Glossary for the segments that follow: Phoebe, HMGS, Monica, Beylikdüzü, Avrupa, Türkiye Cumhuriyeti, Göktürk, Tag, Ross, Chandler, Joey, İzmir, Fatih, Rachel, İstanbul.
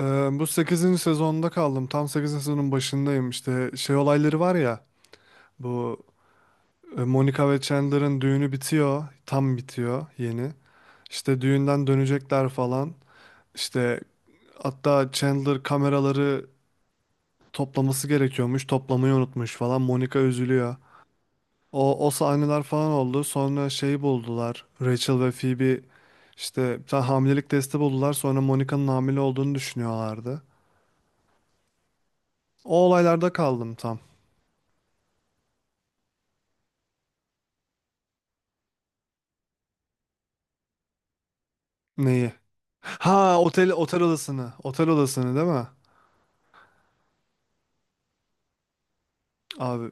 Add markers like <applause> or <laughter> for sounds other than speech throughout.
Ee, Bu sekizinci sezonda kaldım. Tam sekizinci sezonun başındayım. İşte şey olayları var ya. Bu Monica ve Chandler'ın düğünü bitiyor. Tam bitiyor yeni. İşte düğünden dönecekler falan. İşte hatta Chandler kameraları toplaması gerekiyormuş. Toplamayı unutmuş falan. Monica üzülüyor. O, o sahneler falan oldu. Sonra şeyi buldular. Rachel ve Phoebe işte bir tane hamilelik testi buldular. Sonra Monica'nın hamile olduğunu düşünüyorlardı. O olaylarda kaldım tam. Neyi? Ha otel odasını. Otel odasını değil mi? Abi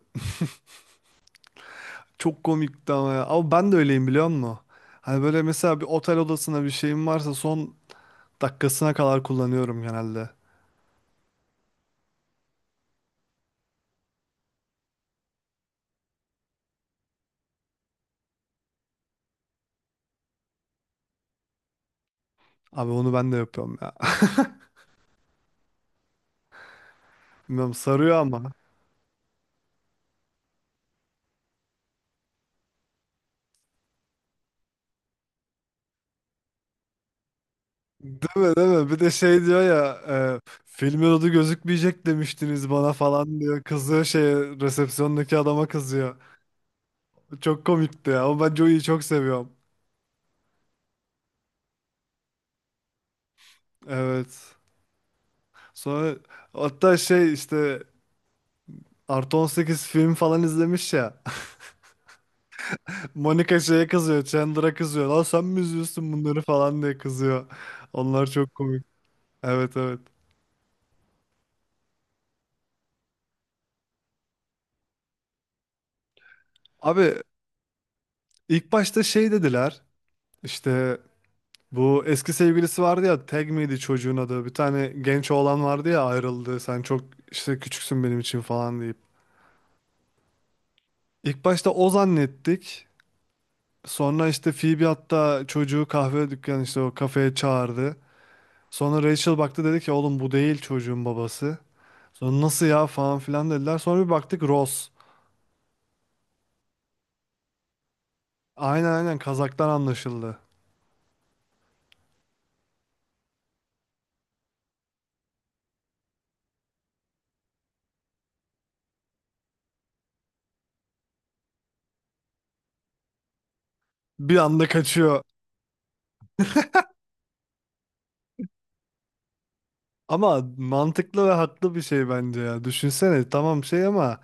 çok komikti ama ya. Ama ben de öyleyim biliyor musun? Hani böyle mesela bir otel odasına bir şeyim varsa son dakikasına kadar kullanıyorum genelde. Abi onu ben de yapıyorum ya. <laughs> Bilmiyorum sarıyor ama. Değil mi değil mi? Bir de şey diyor ya filmin adı gözükmeyecek demiştiniz bana falan diyor. Kızıyor şey resepsiyondaki adama kızıyor. Çok komikti ya ama ben Joey'yi çok seviyorum. Evet. Sonra hatta şey işte Artı 18 film falan izlemiş ya. <laughs> Monica şeye kızıyor. Chandler'a kızıyor. Lan sen mi izliyorsun bunları falan diye kızıyor. Onlar çok komik. Evet, evet. Abi ilk başta şey dediler. İşte bu eski sevgilisi vardı ya. Tag miydi çocuğun adı? Bir tane genç oğlan vardı ya ayrıldı. Sen çok işte küçüksün benim için falan deyip. İlk başta o zannettik. Sonra işte Phoebe hatta çocuğu kahve dükkanı işte o kafeye çağırdı. Sonra Rachel baktı dedi ki oğlum bu değil çocuğun babası. Sonra nasıl ya falan filan dediler. Sonra bir baktık Ross. Aynen aynen Kazak'tan anlaşıldı. Bir anda kaçıyor. Ama mantıklı ve haklı bir şey bence ya. Düşünsene tamam şey ama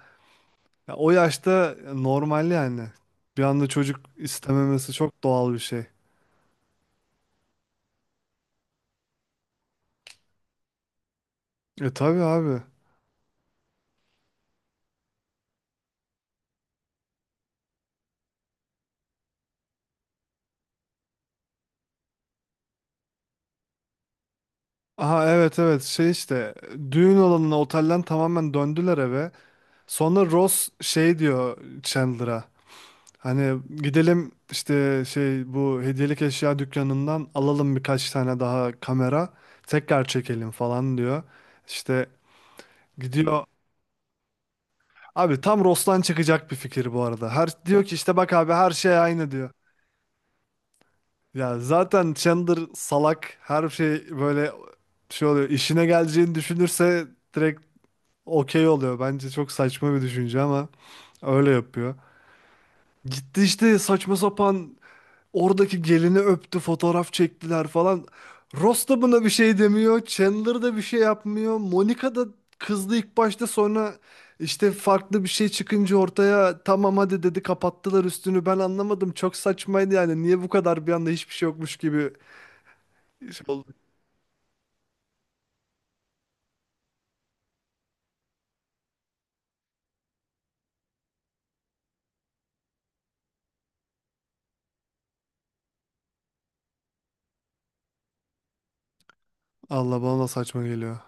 ya o yaşta normal yani. Bir anda çocuk istememesi çok doğal bir şey. E tabii abi. Aha, evet evet şey işte düğün olanına otelden tamamen döndüler eve. Sonra Ross şey diyor Chandler'a. Hani gidelim işte şey bu hediyelik eşya dükkanından alalım birkaç tane daha kamera tekrar çekelim falan diyor. İşte gidiyor. Abi tam Ros'tan çıkacak bir fikir bu arada. Her diyor ki işte bak abi her şey aynı diyor. Ya zaten Chandler salak her şey böyle şey oluyor. İşine geleceğini düşünürse direkt okey oluyor. Bence çok saçma bir düşünce ama öyle yapıyor. Gitti işte saçma sapan oradaki gelini öptü, fotoğraf çektiler falan. Ross da buna bir şey demiyor. Chandler da bir şey yapmıyor. Monica da kızdı ilk başta sonra işte farklı bir şey çıkınca ortaya tamam hadi dedi kapattılar üstünü. Ben anlamadım. Çok saçmaydı yani. Niye bu kadar bir anda hiçbir şey yokmuş gibi şey oldu. Allah bana da saçma geliyor.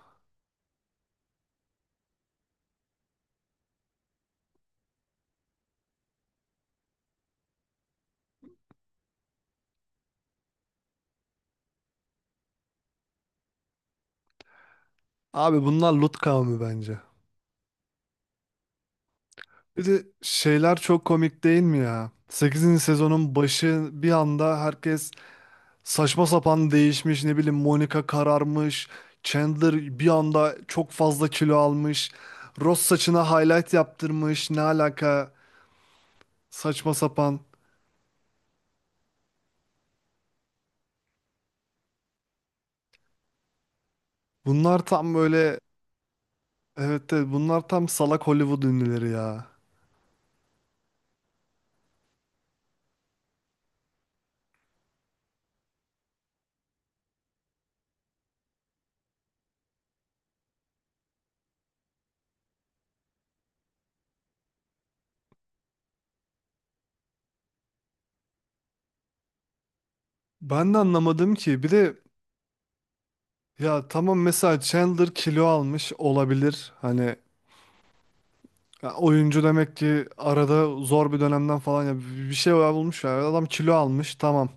Abi bunlar Lut kavmi bence. Bir de şeyler çok komik değil mi ya? Sekizinci sezonun başı bir anda herkes saçma sapan değişmiş ne bileyim Monica kararmış. Chandler bir anda çok fazla kilo almış. Ross saçına highlight yaptırmış. Ne alaka? Saçma sapan. Bunlar tam böyle evet de bunlar tam salak Hollywood ünlüleri ya. Ben de anlamadım ki. Bir de ya tamam mesela Chandler kilo almış olabilir. Hani ya oyuncu demek ki arada zor bir dönemden falan ya bir şey bulmuş ya. Adam kilo almış tamam.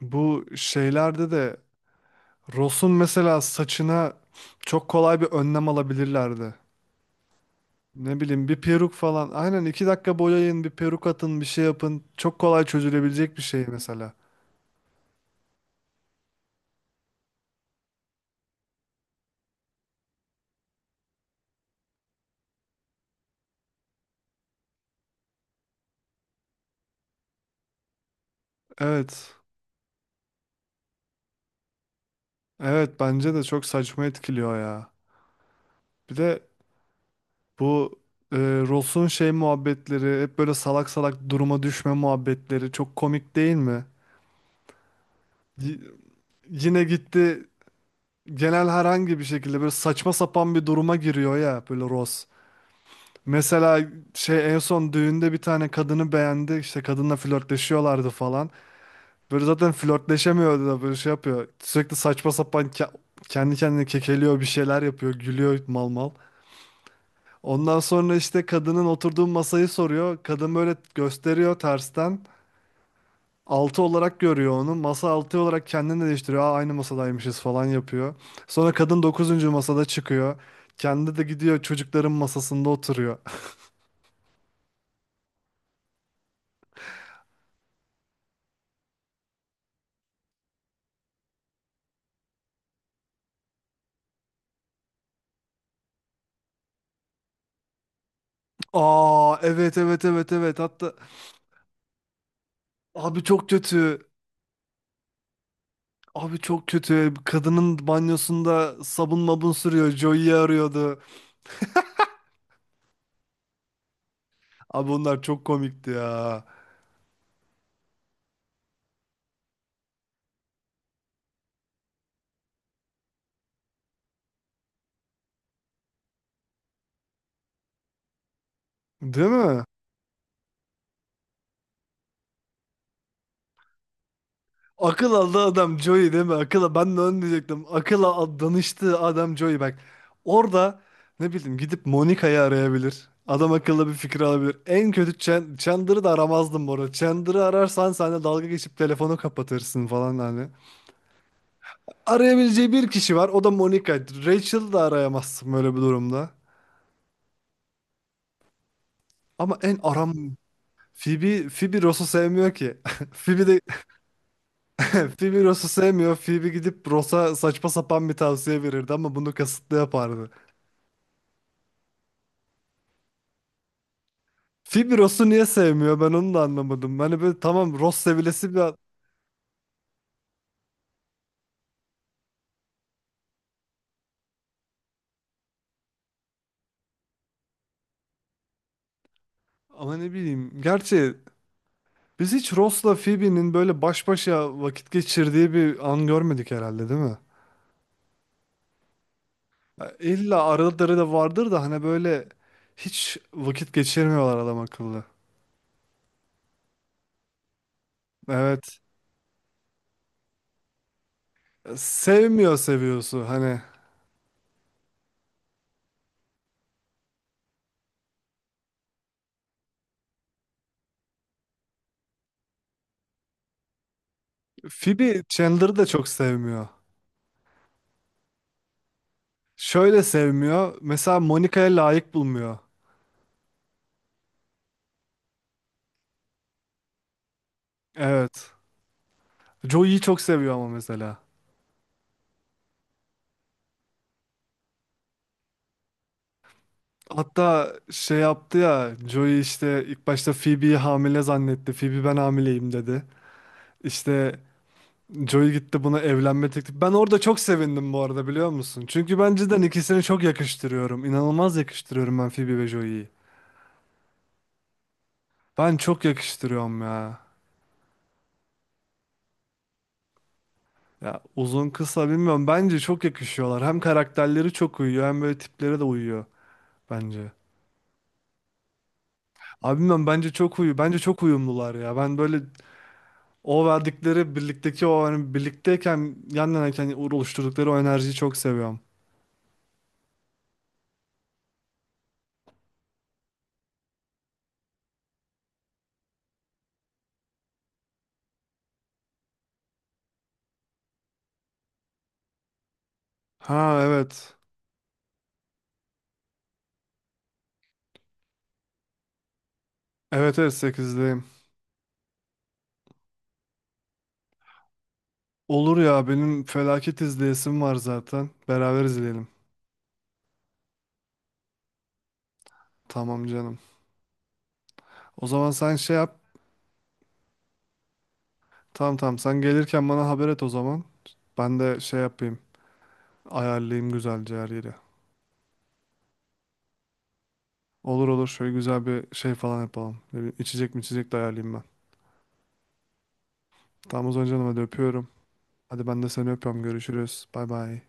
Bu şeylerde de Ross'un mesela saçına çok kolay bir önlem alabilirlerdi. Ne bileyim bir peruk falan. Aynen iki dakika boyayın, bir peruk atın, bir şey yapın. Çok kolay çözülebilecek bir şey mesela. Evet. Evet bence de çok saçma etkiliyor ya. Bir de bu e, Ross'un şey muhabbetleri, hep böyle salak salak duruma düşme muhabbetleri çok komik değil mi? Y- Yine gitti genel herhangi bir şekilde böyle saçma sapan bir duruma giriyor ya böyle Ross. Mesela şey en son düğünde bir tane kadını beğendi. İşte kadınla flörtleşiyorlardı falan. Böyle zaten flörtleşemiyordu da böyle şey yapıyor. Sürekli saçma sapan kendi kendine kekeliyor bir şeyler yapıyor. Gülüyor mal mal. Ondan sonra işte kadının oturduğu masayı soruyor. Kadın böyle gösteriyor tersten. Altı olarak görüyor onu. Masa altı olarak kendini de değiştiriyor. Aa, aynı masadaymışız falan yapıyor. Sonra kadın dokuzuncu masada çıkıyor. Kendi de gidiyor çocukların masasında oturuyor. Aa, evet evet evet evet hatta abi çok kötü. Abi çok kötü. Kadının banyosunda sabun mabun sürüyor. Joey'i arıyordu. Abi onlar çok komikti ya. Değil mi? Akıl aldı adam Joey değil mi? Akıl ben de onu diyecektim. Akıla danıştı adam Joey bak. Orada ne bileyim gidip Monica'yı arayabilir. Adam akıllı bir fikir alabilir. En kötü Chandler'ı da aramazdım bu arada. Chandler'ı ararsan sen de dalga geçip telefonu kapatırsın falan hani. Arayabileceği bir kişi var. O da Monica. Rachel'ı da arayamazsın böyle bir durumda. Ama en aram Phoebe, Ross'u sevmiyor ki. <laughs> Phoebe de <laughs> Phoebe Ross'u sevmiyor. Phoebe gidip Ross'a saçma sapan bir tavsiye verirdi ama bunu kasıtlı yapardı. Phoebe Ross'u niye sevmiyor? Ben onu da anlamadım. Hani böyle tamam Ross sevilesi bir ama ne bileyim. Gerçi biz hiç Ross'la Phoebe'nin böyle baş başa vakit geçirdiği bir an görmedik herhalde, değil mi? Ya İlla araları da vardır da hani böyle hiç vakit geçirmiyorlar adam akıllı. Evet. Sevmiyor seviyorsu hani. Phoebe Chandler'ı da çok sevmiyor. Şöyle sevmiyor. Mesela Monica'ya layık bulmuyor. Evet. Joey'yi çok seviyor ama mesela. Hatta şey yaptı ya Joey işte ilk başta Phoebe'yi hamile zannetti. Phoebe ben hamileyim dedi. İşte Joey gitti buna evlenme teklifi. Ben orada çok sevindim bu arada biliyor musun? Çünkü ben cidden ikisini çok yakıştırıyorum. İnanılmaz yakıştırıyorum ben Phoebe ve Joey'yi. Ben çok yakıştırıyorum ya. Ya uzun kısa bilmiyorum. Bence çok yakışıyorlar. Hem karakterleri çok uyuyor hem böyle tiplere de uyuyor bence. Abi bilmiyorum bence çok uyu bence çok uyumlular ya. Ben böyle o verdikleri birlikteki o hani birlikteyken yan yanayken oluşturdukları o enerjiyi çok seviyorum. Ha, evet. Evet, evet 8'deyim. Olur ya benim felaket izleyesim var zaten. Beraber izleyelim. Tamam canım. O zaman sen şey yap. Tamam tamam sen gelirken bana haber et o zaman. Ben de şey yapayım. Ayarlayayım güzelce her yeri. Olur olur şöyle güzel bir şey falan yapalım. Ne bileyim, İçecek mi içecek de ayarlayayım ben. Tamam o zaman canım hadi öpüyorum. Hadi ben de seni öpüyorum. Görüşürüz. Bay bay.